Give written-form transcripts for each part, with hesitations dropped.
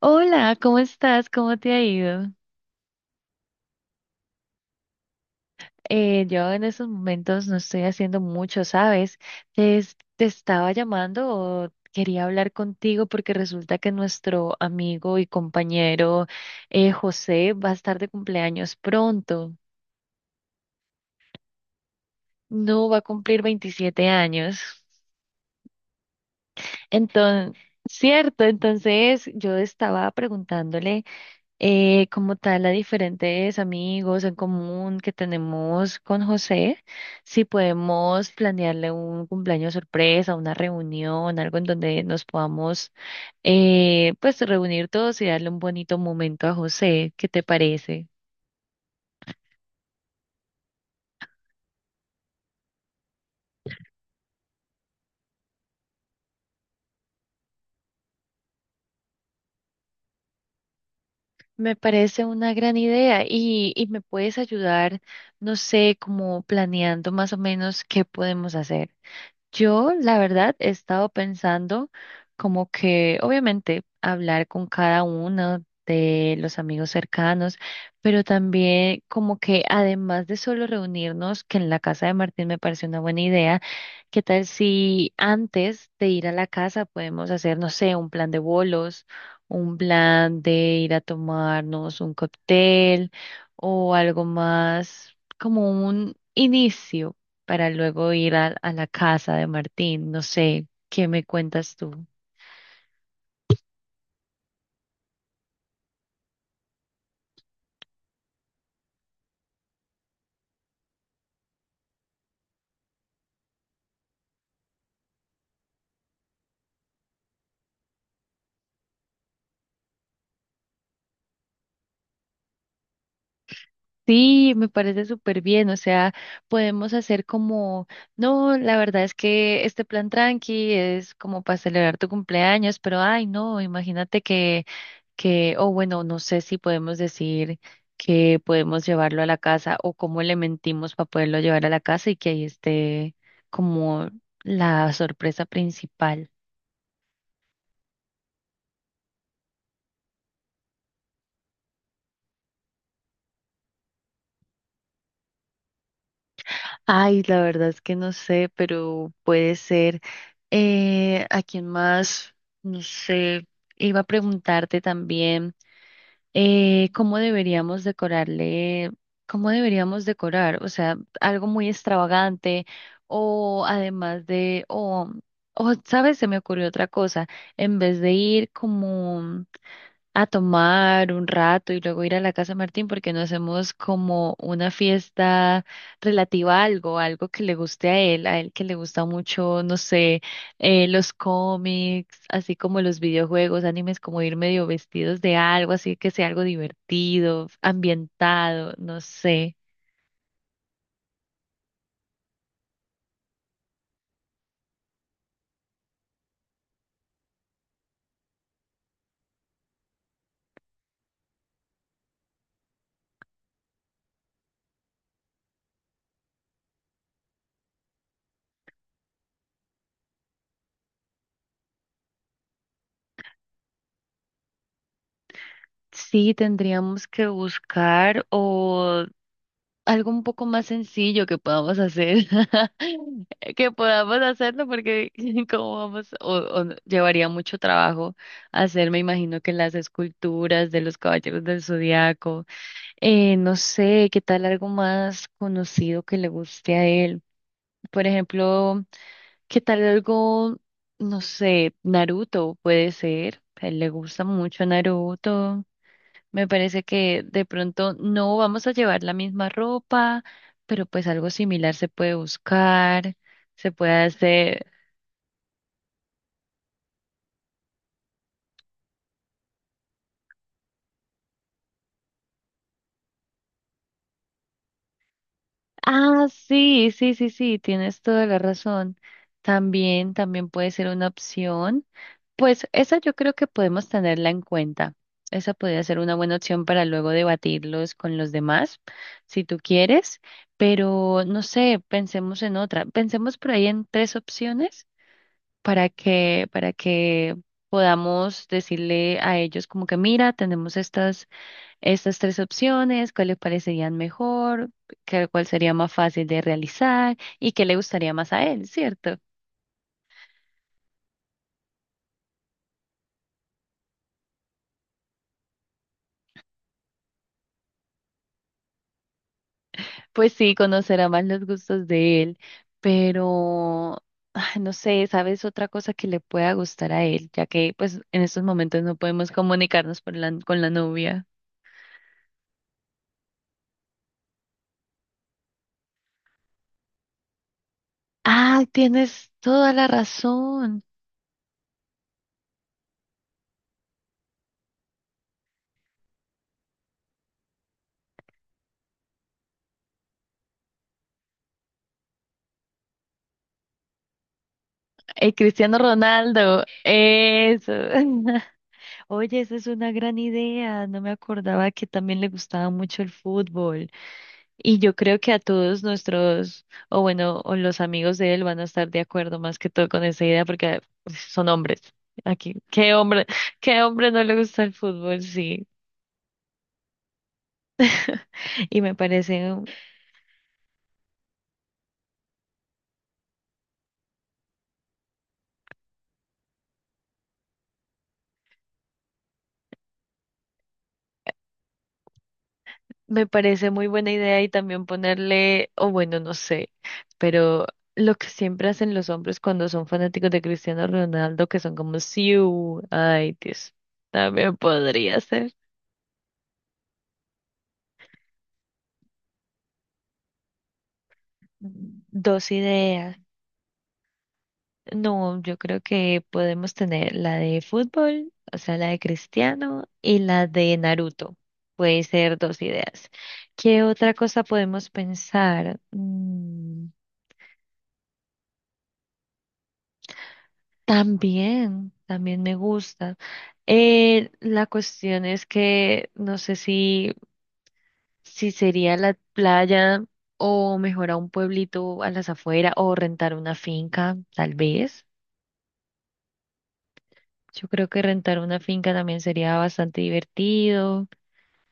Hola, ¿cómo estás? ¿Cómo te ha ido? Yo en estos momentos no estoy haciendo mucho, ¿sabes? Te estaba llamando o quería hablar contigo porque resulta que nuestro amigo y compañero José va a estar de cumpleaños pronto. No va a cumplir 27 años. Entonces, cierto, entonces yo estaba preguntándole. Como tal a diferentes amigos en común que tenemos con José, si podemos planearle un cumpleaños sorpresa, una reunión, algo en donde nos podamos pues reunir todos y darle un bonito momento a José. ¿Qué te parece? Me parece una gran idea y me puedes ayudar, no sé, como planeando más o menos qué podemos hacer. Yo, la verdad, he estado pensando como que, obviamente, hablar con cada uno de los amigos cercanos, pero también como que, además de solo reunirnos, que en la casa de Martín me pareció una buena idea, ¿qué tal si antes de ir a la casa podemos hacer, no sé, un plan de bolos, un plan de ir a tomarnos un cóctel o algo más como un inicio? Para luego ir a la casa de Martín. No sé, ¿qué me cuentas tú? Sí, me parece súper bien, o sea, podemos hacer como, no, la verdad es que este plan tranqui es como para celebrar tu cumpleaños, pero ay, no, imagínate que, o bueno, no sé si podemos decir que podemos llevarlo a la casa o cómo le mentimos para poderlo llevar a la casa y que ahí esté como la sorpresa principal. Ay, la verdad es que no sé, pero puede ser. ¿A quién más? No sé. Iba a preguntarte también cómo deberíamos decorarle, cómo deberíamos decorar, o sea, algo muy extravagante o además ¿sabes? Se me ocurrió otra cosa. En vez de ir como a tomar un rato y luego ir a la casa de Martín porque no hacemos como una fiesta relativa a algo, algo que le guste a él que le gusta mucho, no sé, los cómics, así como los videojuegos, animes, como ir medio vestidos de algo, así que sea algo divertido, ambientado, no sé. Sí, tendríamos que buscar o algo un poco más sencillo que podamos hacer, que podamos hacerlo porque como vamos, o no- llevaría mucho trabajo hacer, me imagino que las esculturas de los Caballeros del Zodiaco, no sé, qué tal algo más conocido que le guste a él, por ejemplo, qué tal algo, no sé, Naruto puede ser, a él le gusta mucho Naruto. Me parece que de pronto no vamos a llevar la misma ropa, pero pues algo similar se puede buscar, se puede hacer. Ah, sí, sí, sí, sí, tienes toda la razón. También, también puede ser una opción. Pues esa yo creo que podemos tenerla en cuenta. Esa podría ser una buena opción para luego debatirlos con los demás, si tú quieres. Pero no sé, pensemos en otra. Pensemos por ahí en tres opciones para que podamos decirle a ellos como que mira, tenemos estas, estas tres opciones, cuál les parecerían mejor, cuál sería más fácil de realizar y qué le gustaría más a él, ¿cierto? Pues sí, conocerá más los gustos de él, pero ay, no sé, ¿sabes otra cosa que le pueda gustar a él? Ya que pues en estos momentos no podemos comunicarnos por con la novia. Ah, tienes toda la razón. Cristiano Ronaldo, eso. Oye, esa es una gran idea. No me acordaba que también le gustaba mucho el fútbol. Y yo creo que a todos nuestros, o bueno, o los amigos de él van a estar de acuerdo más que todo con esa idea porque pues, son hombres. Aquí, qué hombre no le gusta el fútbol, sí. Y me parece me parece muy buena idea y también ponerle, o bueno, no sé, pero lo que siempre hacen los hombres cuando son fanáticos de Cristiano Ronaldo, que son como Siu, ay Dios, también podría ser. Dos ideas. No, yo creo que podemos tener la de fútbol, o sea, la de Cristiano y la de Naruto. Puede ser dos ideas. ¿Qué otra cosa podemos pensar? También, también me gusta. La cuestión es que no sé si, si sería la playa o mejor a un pueblito a las afueras o rentar una finca, tal vez. Yo creo que rentar una finca también sería bastante divertido.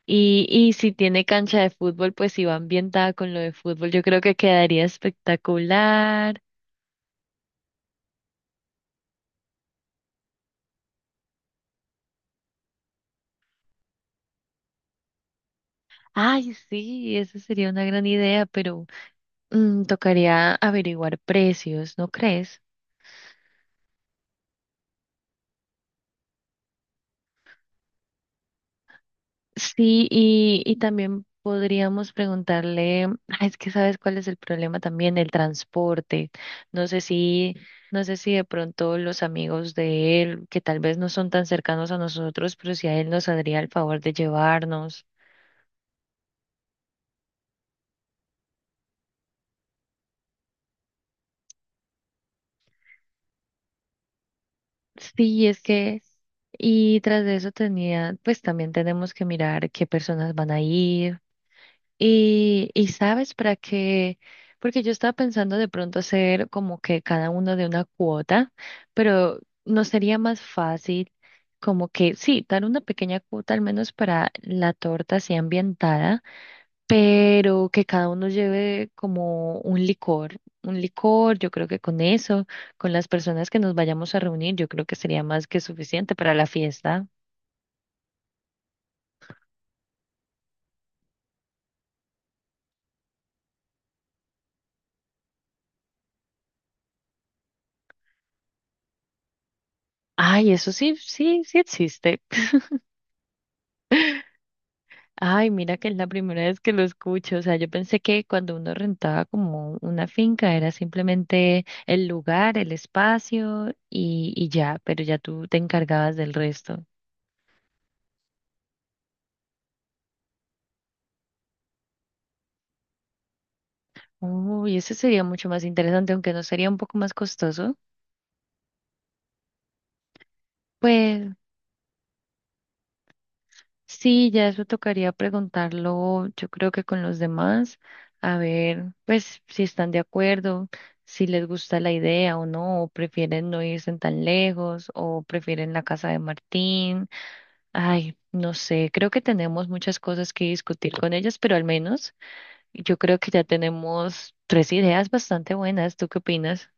Y si tiene cancha de fútbol, pues si va ambientada con lo de fútbol, yo creo que quedaría espectacular. Ay, sí, esa sería una gran idea, pero... Mm, tocaría averiguar precios, ¿no crees? Sí, y también podríamos preguntarle, ah, es que sabes cuál es el problema también, el transporte. No sé si, no sé si de pronto los amigos de él, que tal vez no son tan cercanos a nosotros, pero si a él nos haría el favor de llevarnos. Sí, es que, y tras de eso tenía, pues también tenemos que mirar qué personas van a ir. Y sabes para qué, porque yo estaba pensando de pronto hacer como que cada uno de una cuota, pero no sería más fácil como que sí, dar una pequeña cuota al menos para la torta así ambientada, pero que cada uno lleve como un licor, yo creo que con eso, con las personas que nos vayamos a reunir, yo creo que sería más que suficiente para la fiesta. Ay, eso sí, sí, sí existe. Ay, mira que es la primera vez que lo escucho. O sea, yo pensé que cuando uno rentaba como una finca era simplemente el lugar, el espacio y ya, pero ya tú te encargabas del resto. Uy, eso sería mucho más interesante, aunque no sería un poco más costoso. Pues sí, ya eso tocaría preguntarlo, yo creo que con los demás, a ver, pues si están de acuerdo, si les gusta la idea o no, o prefieren no irse tan lejos, o prefieren la casa de Martín. Ay, no sé, creo que tenemos muchas cosas que discutir con ellas, pero al menos yo creo que ya tenemos tres ideas bastante buenas. ¿Tú qué opinas?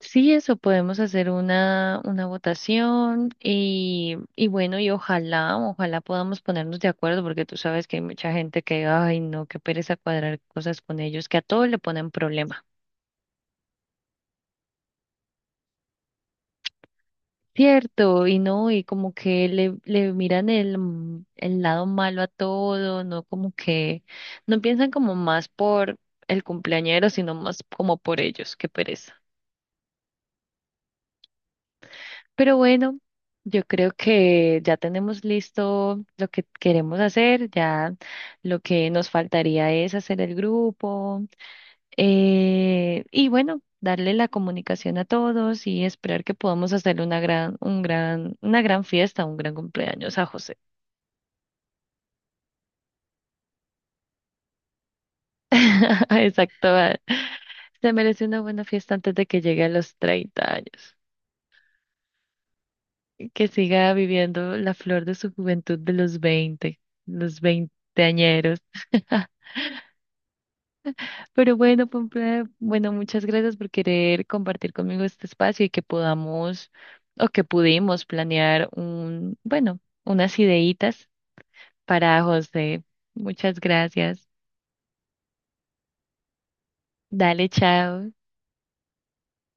Sí, eso, podemos hacer una votación y bueno, y ojalá, ojalá podamos ponernos de acuerdo, porque tú sabes que hay mucha gente que, ay, no, qué pereza cuadrar cosas con ellos, que a todo le ponen problema. Cierto, y no, y como que le miran el, el lado malo a todo, no como que no piensan como más por el cumpleañero, sino más como por ellos, qué pereza. Pero bueno, yo creo que ya tenemos listo lo que queremos hacer, ya lo que nos faltaría es hacer el grupo, y bueno, darle la comunicación a todos y esperar que podamos hacer una gran, un gran, una gran fiesta, un gran cumpleaños a José. Exacto. Va. Se merece una buena fiesta antes de que llegue a los 30 años. Que siga viviendo la flor de su juventud de los 20, los veinteañeros. Pero bueno, Pompey, bueno, muchas gracias por querer compartir conmigo este espacio y que podamos o que pudimos planear un, bueno, unas ideitas para José. Muchas gracias. Dale, chao.